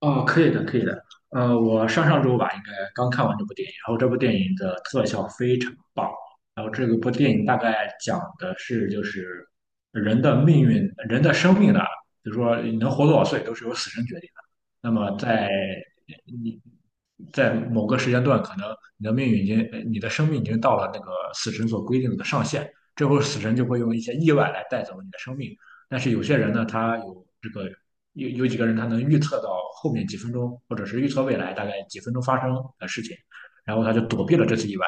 哦，可以的，可以的。我上上周吧，应该刚看完这部电影，然后这部电影的特效非常棒。然后这个部电影大概讲的是，就是人的命运、人的生命呢，就如说你能活多少岁，都是由死神决定的。那么你在某个时间段，可能你的生命已经到了那个死神所规定的上限，这会儿死神就会用一些意外来带走你的生命。但是有些人呢，他有这个。有几个人他能预测到后面几分钟，或者是预测未来大概几分钟发生的事情，然后他就躲避了这次意外。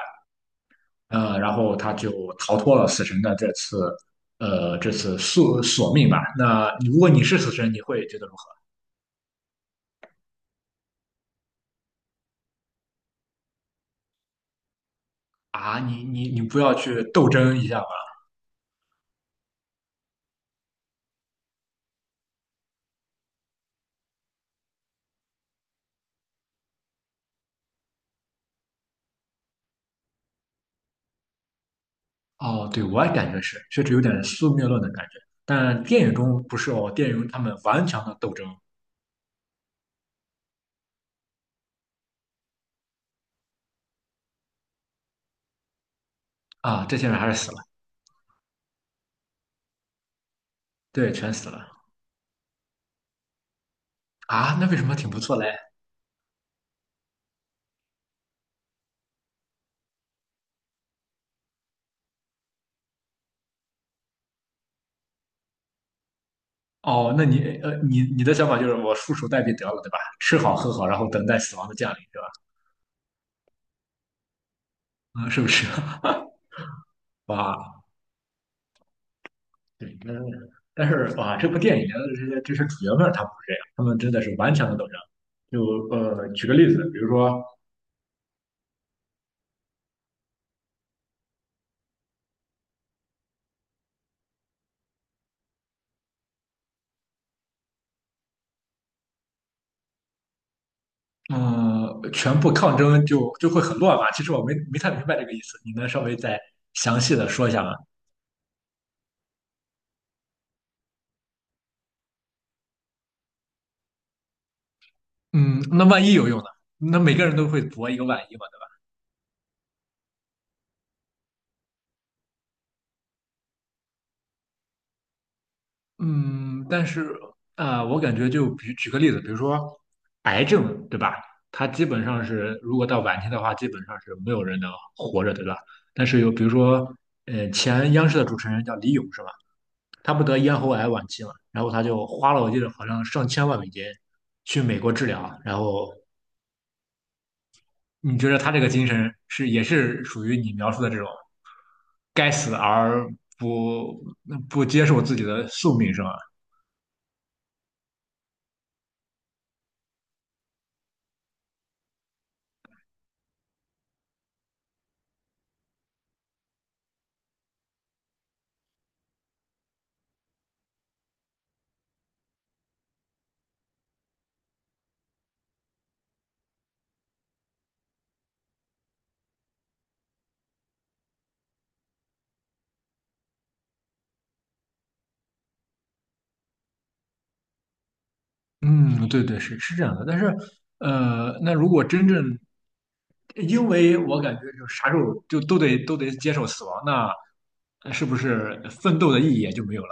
然后他就逃脱了死神的这次，这次索命吧。那如果你是死神，你会觉得如何啊？你不要去斗争一下吧？哦，对，我也感觉是，确实有点宿命论的感觉。但电影中不是哦，电影中他们顽强的斗争啊。这些人还是死了。对，全死了啊。那为什么挺不错嘞？哦，那你的想法就是我束手待毙得了，对吧？吃好喝好，然后等待死亡的降临，对吧？啊，是不是？哇，对。那但是哇，这部电影的这些主角们他不是这样，他们真的是顽强的斗争。就举个例子，比如说，嗯。全部抗争就会很乱吧？其实我没太明白这个意思，你能稍微再详细的说一下吗？嗯，那万一有用呢？那每个人都会搏一个万一嘛？嗯，但是啊，我感觉举个例子，比如说癌症，对吧？它基本上是，如果到晚期的话，基本上是没有人能活着，对吧？但是有，比如说，前央视的主持人叫李咏，是吧？他不得咽喉癌晚期嘛，然后他就花了，我记得好像上千万美金去美国治疗。然后你觉得他这个精神是也是属于你描述的这种该死而不不接受自己的宿命，是吗？嗯，对对，是这样的。但是，那如果真正，因为我感觉就啥时候就都得接受死亡，那是不是奋斗的意义也就没有了？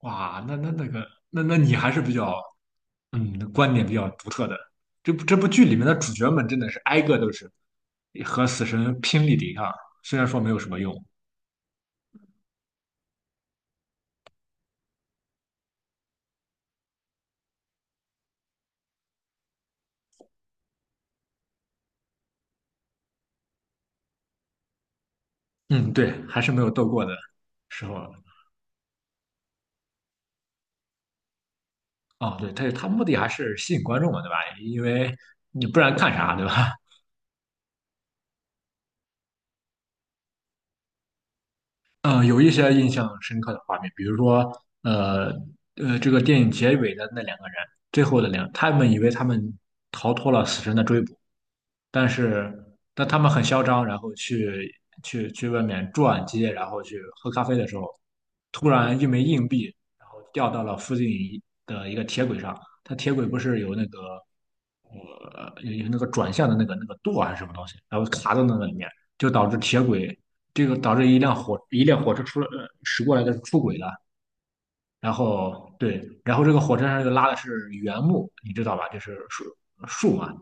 哇，那那个，那你还是比较，嗯，观点比较独特的。这部剧里面的主角们真的是挨个都是和死神拼力抵抗，虽然说没有什么用。嗯，对，还是没有斗过的时候。哦，对，他目的还是吸引观众嘛，对吧？因为你不然看啥，对吧？嗯，有一些印象深刻的画面，比如说，呃这个电影结尾的那两个人，最后的两，他们以为他们逃脱了死神的追捕。但是他们很嚣张，然后去外面转街，然后去喝咖啡的时候，突然一枚硬币，然后掉到了附近一个铁轨上。它铁轨不是有那个转向的那个舵还是什么东西，然后卡在那个里面，就导致铁轨这个导致一辆火车驶过来的出轨了。然后对，然后这个火车上又拉的是原木，你知道吧？就是树嘛。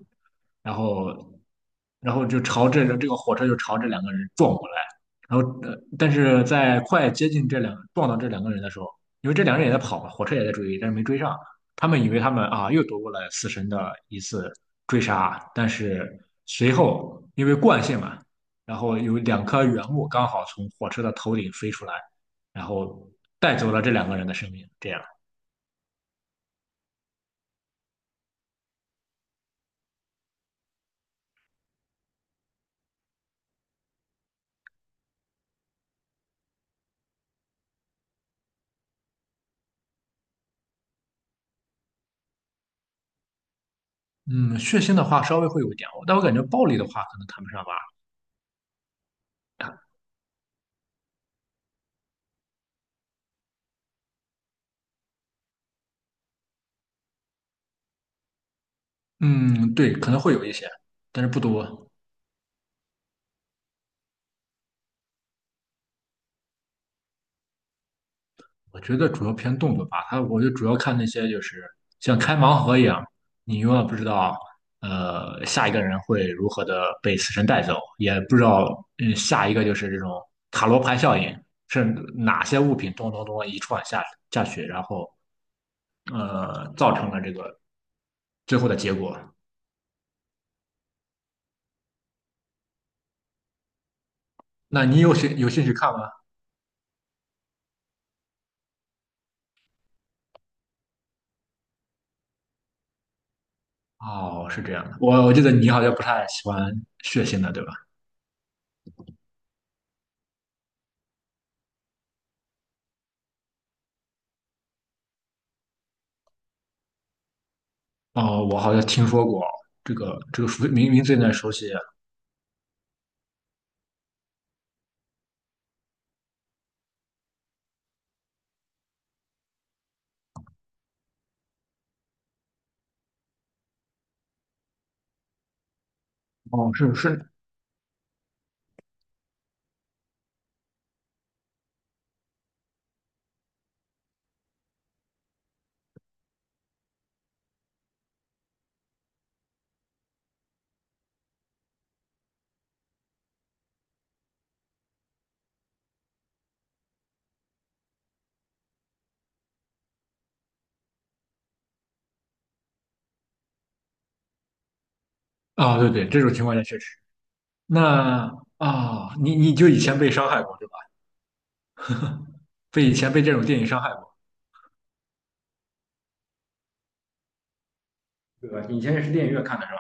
然后，就朝这个火车就朝这两个人撞过来。然后，但是在快接近撞到这两个人的时候，因为这两个人也在跑嘛，火车也在追，但是没追上。他们以为他们啊又躲过了死神的一次追杀，但是随后因为惯性嘛，然后有两颗原木刚好从火车的头顶飞出来，然后带走了这两个人的生命。这样，嗯，血腥的话稍微会有一点，但我感觉暴力的话可能谈不上吧。嗯，对，可能会有一些，但是不多。我觉得主要偏动作吧，它我就主要看那些就是像开盲盒一样，你永远不知道。下一个人会如何的被死神带走，也不知道。嗯，下一个就是这种塔罗牌效应，是哪些物品咚咚咚一串下去，然后造成了这个最后的结果。那你有兴趣看吗？哦，是这样的，我记得你好像不太喜欢血腥的，对吧？哦，我好像听说过这个名字有点熟悉。哦，是是。哦，对对，这种情况下确实。那啊。哦，你就以前被伤害过，对吧？以前被这种电影伤害过，对吧？你以前也是电影院看的是吧？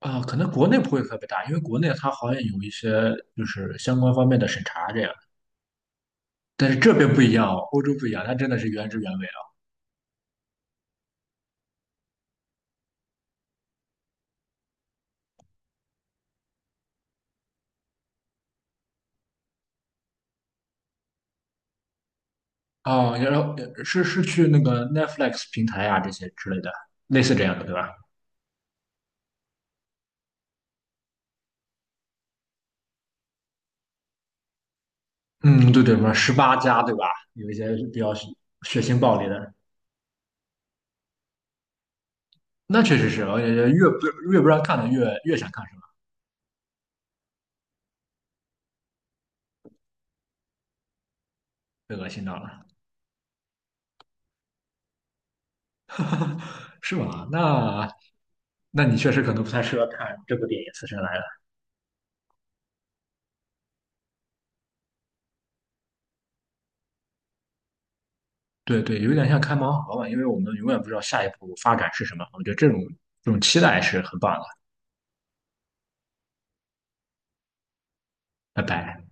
啊。可能国内不会特别大，因为国内它好像有一些就是相关方面的审查这样，但是这边不一样哦，欧洲不一样，它真的是原汁原味。哦，然后是去那个 Netflix 平台啊这些之类的，类似这样的，对吧？嗯，对对，什么18家，对吧？有一些比较血腥暴力的。那确实是，而且越不让看的越想看，是吧？被恶心到了，是吗？那你确实可能不太适合看这部电影《死神来了》。对对，有点像开盲盒吧，因为我们永远不知道下一步发展是什么。我觉得这种期待是很棒的。拜拜。